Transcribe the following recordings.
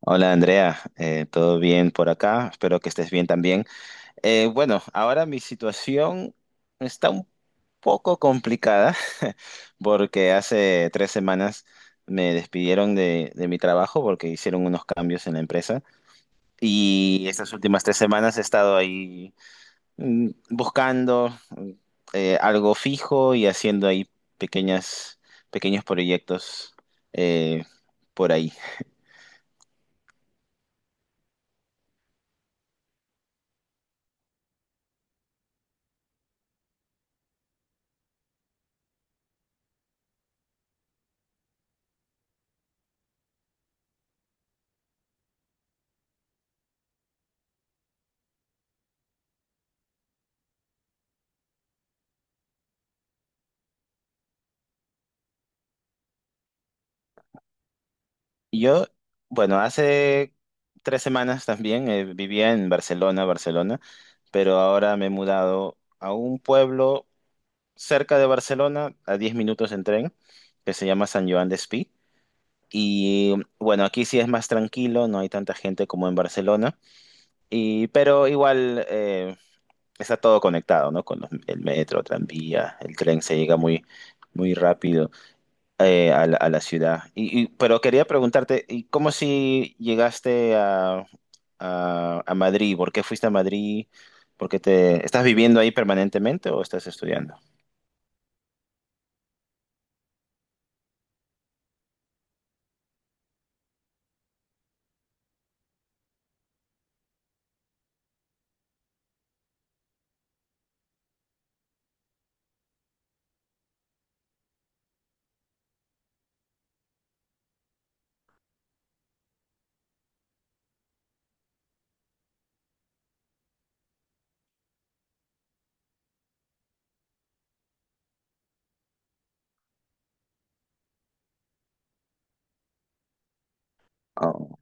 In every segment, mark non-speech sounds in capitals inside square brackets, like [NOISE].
Hola Andrea, ¿todo bien por acá? Espero que estés bien también. Bueno, ahora mi situación está un poco complicada [LAUGHS] porque hace 3 semanas me despidieron de mi trabajo porque hicieron unos cambios en la empresa y estas últimas 3 semanas he estado ahí buscando algo fijo y haciendo ahí pequeñas, pequeños proyectos eh, por ahí. Yo, bueno, hace 3 semanas también vivía en Barcelona, pero ahora me he mudado a un pueblo cerca de Barcelona, a 10 minutos en tren, que se llama San Joan de Espí. Y bueno, aquí sí es más tranquilo, no hay tanta gente como en Barcelona, y, pero igual está todo conectado, ¿no? Con el metro, tranvía, el tren se llega muy rápido a a la ciudad. Y, pero quería preguntarte, ¿y cómo si llegaste a Madrid? ¿Por qué fuiste a Madrid? ¿Por qué te estás viviendo ahí permanentemente o estás estudiando? Oh.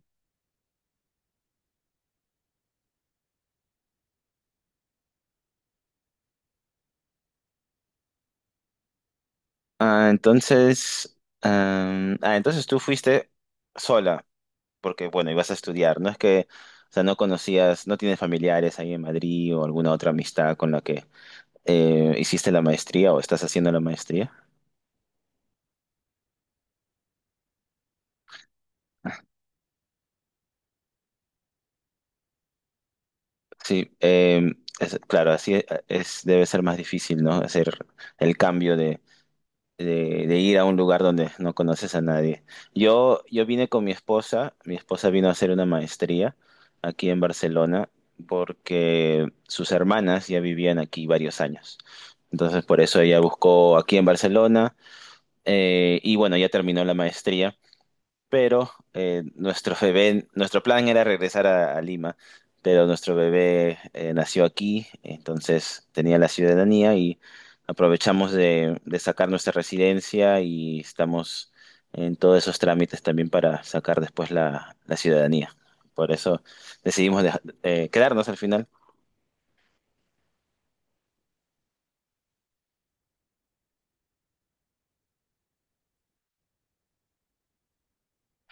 Ah, entonces, ah, entonces tú fuiste sola, porque bueno, ibas a estudiar. No es que, o sea, no conocías, no tienes familiares ahí en Madrid o alguna otra amistad con la que hiciste la maestría o estás haciendo la maestría. Sí, claro, así es, debe ser más difícil, ¿no? Hacer el cambio de ir a un lugar donde no conoces a nadie. Yo vine con mi esposa vino a hacer una maestría aquí en Barcelona porque sus hermanas ya vivían aquí varios años. Entonces, por eso ella buscó aquí en Barcelona y bueno, ya terminó la maestría pero nuestro bebé, nuestro plan era regresar a Lima, pero nuestro bebé nació aquí, entonces tenía la ciudadanía y aprovechamos de sacar nuestra residencia y estamos en todos esos trámites también para sacar después la ciudadanía. Por eso decidimos quedarnos al final.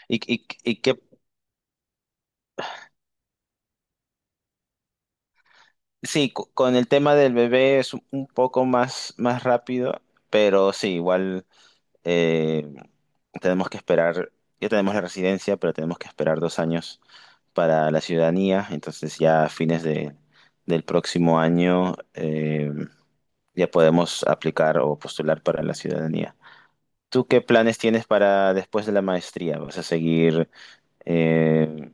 Y que sí, con el tema del bebé es un poco más rápido, pero sí, igual. eh, Tenemos que esperar, ya tenemos la residencia, pero tenemos que esperar 2 años para la ciudadanía, entonces ya a fines del próximo año ya podemos aplicar o postular para la ciudadanía. ¿Tú qué planes tienes para después de la maestría? ¿Vas a seguir, eh,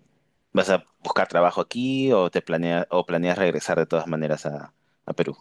vas a buscar trabajo aquí o te planeas regresar de todas maneras a Perú?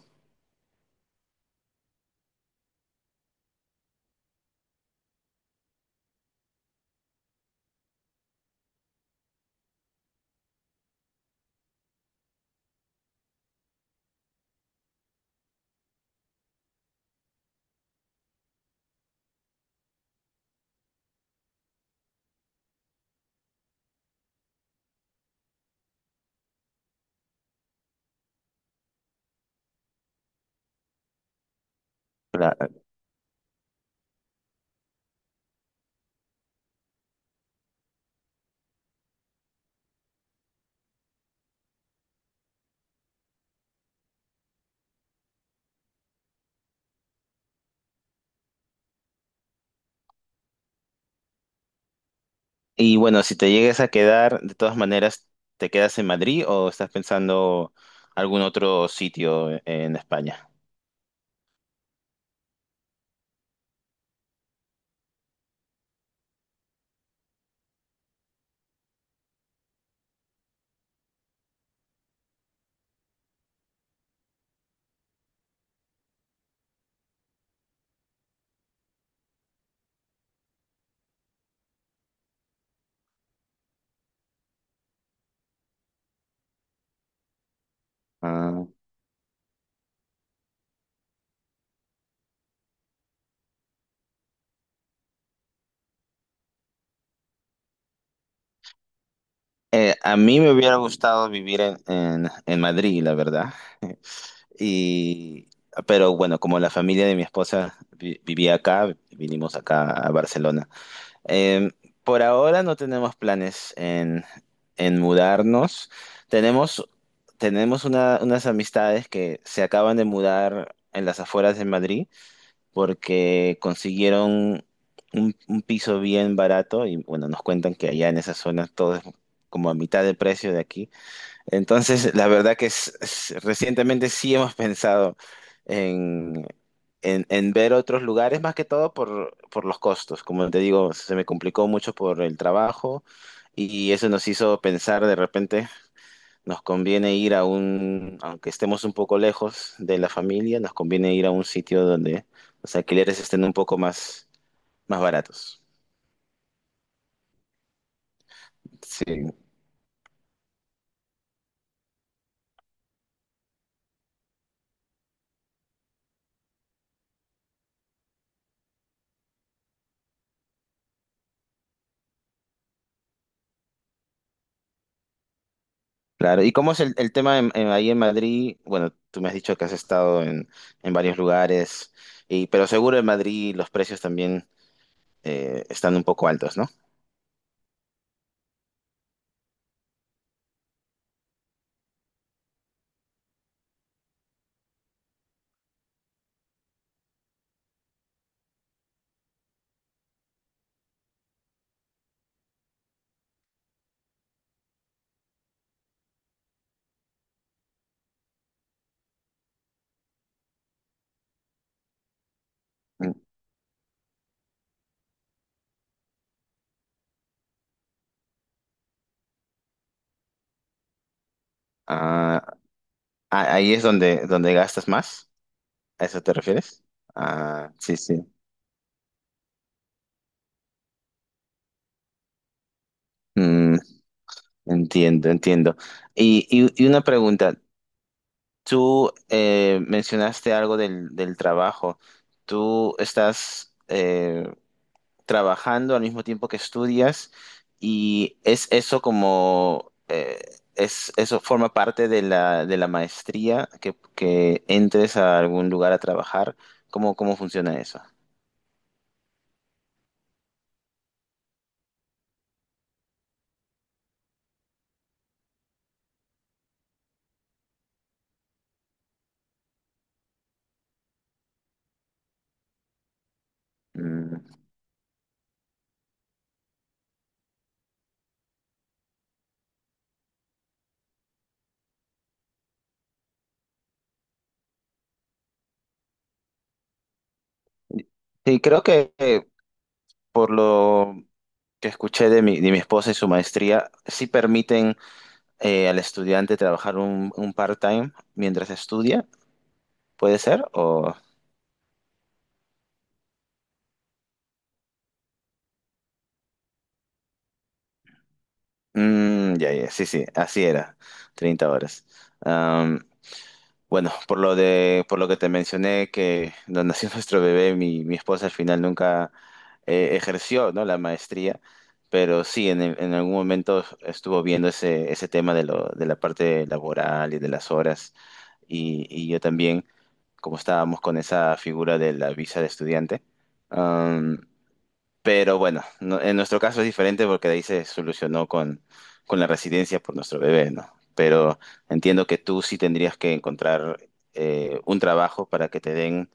Y bueno, si te llegues a quedar, de todas maneras, ¿te quedas en Madrid o estás pensando algún otro sitio en España? Ah. A mí me hubiera gustado vivir en Madrid, la verdad. [LAUGHS] Y, pero bueno, como la familia de mi esposa vivía acá, vinimos acá a Barcelona. Em, por ahora no tenemos planes en mudarnos. Tenemos, tenemos unas amistades que se acaban de mudar en las afueras de Madrid porque consiguieron un piso bien barato y bueno, nos cuentan que allá en esa zona todo es como a mitad de precio de aquí. Entonces, la verdad que recientemente sí hemos pensado en, en ver otros lugares, más que todo por los costos. Como te digo, se me complicó mucho por el trabajo y eso nos hizo pensar de repente, nos conviene ir a un, aunque estemos un poco lejos de la familia, nos conviene ir a un sitio donde los alquileres estén un poco más baratos. Sí. Claro, ¿y cómo es el tema ahí en Madrid? Bueno, tú me has dicho que has estado en varios lugares, y, pero seguro en Madrid los precios también están un poco altos, ¿no? Mm. Ah, ah, ahí es donde, donde gastas más, ¿a eso te refieres? Ah, sí, sí. Mm, entiendo, entiendo. Y, y una pregunta, tú mencionaste algo del trabajo. ¿Tú estás... trabajando al mismo tiempo que estudias y es eso como, eso forma parte de de la maestría, que entres a algún lugar a trabajar. ¿Cómo, cómo funciona eso? Mm. Sí, creo que por lo que escuché de mi esposa y su maestría, sí permiten al estudiante trabajar un part-time mientras estudia, ¿puede ser? O... Mm, ya, ya, sí, sí, así era, 30 horas. Bueno, por lo por lo que te mencioné que donde nació [LAUGHS] nuestro bebé, mi esposa al final nunca ejerció, ¿no? La maestría, pero sí, en algún momento estuvo viendo ese tema de lo, de la parte laboral y de las horas, y yo también, como estábamos con esa figura de la visa de estudiante, pero bueno, en nuestro caso es diferente porque de ahí se solucionó con la residencia por nuestro bebé, ¿no? Pero entiendo que tú sí tendrías que encontrar un trabajo para que te den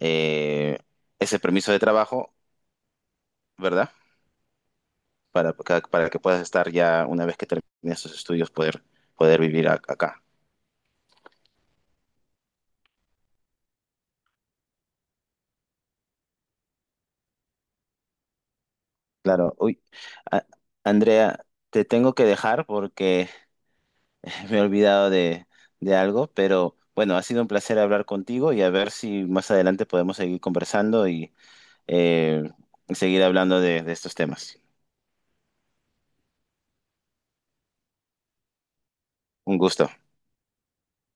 eh, ese permiso de trabajo, ¿verdad? Para para que puedas estar ya, una vez que termines tus estudios, poder, poder vivir acá. Claro, uy, a- Andrea, te tengo que dejar porque me he olvidado de algo, pero bueno, ha sido un placer hablar contigo y a ver si más adelante podemos seguir conversando y eh, seguir hablando de estos temas. Un gusto.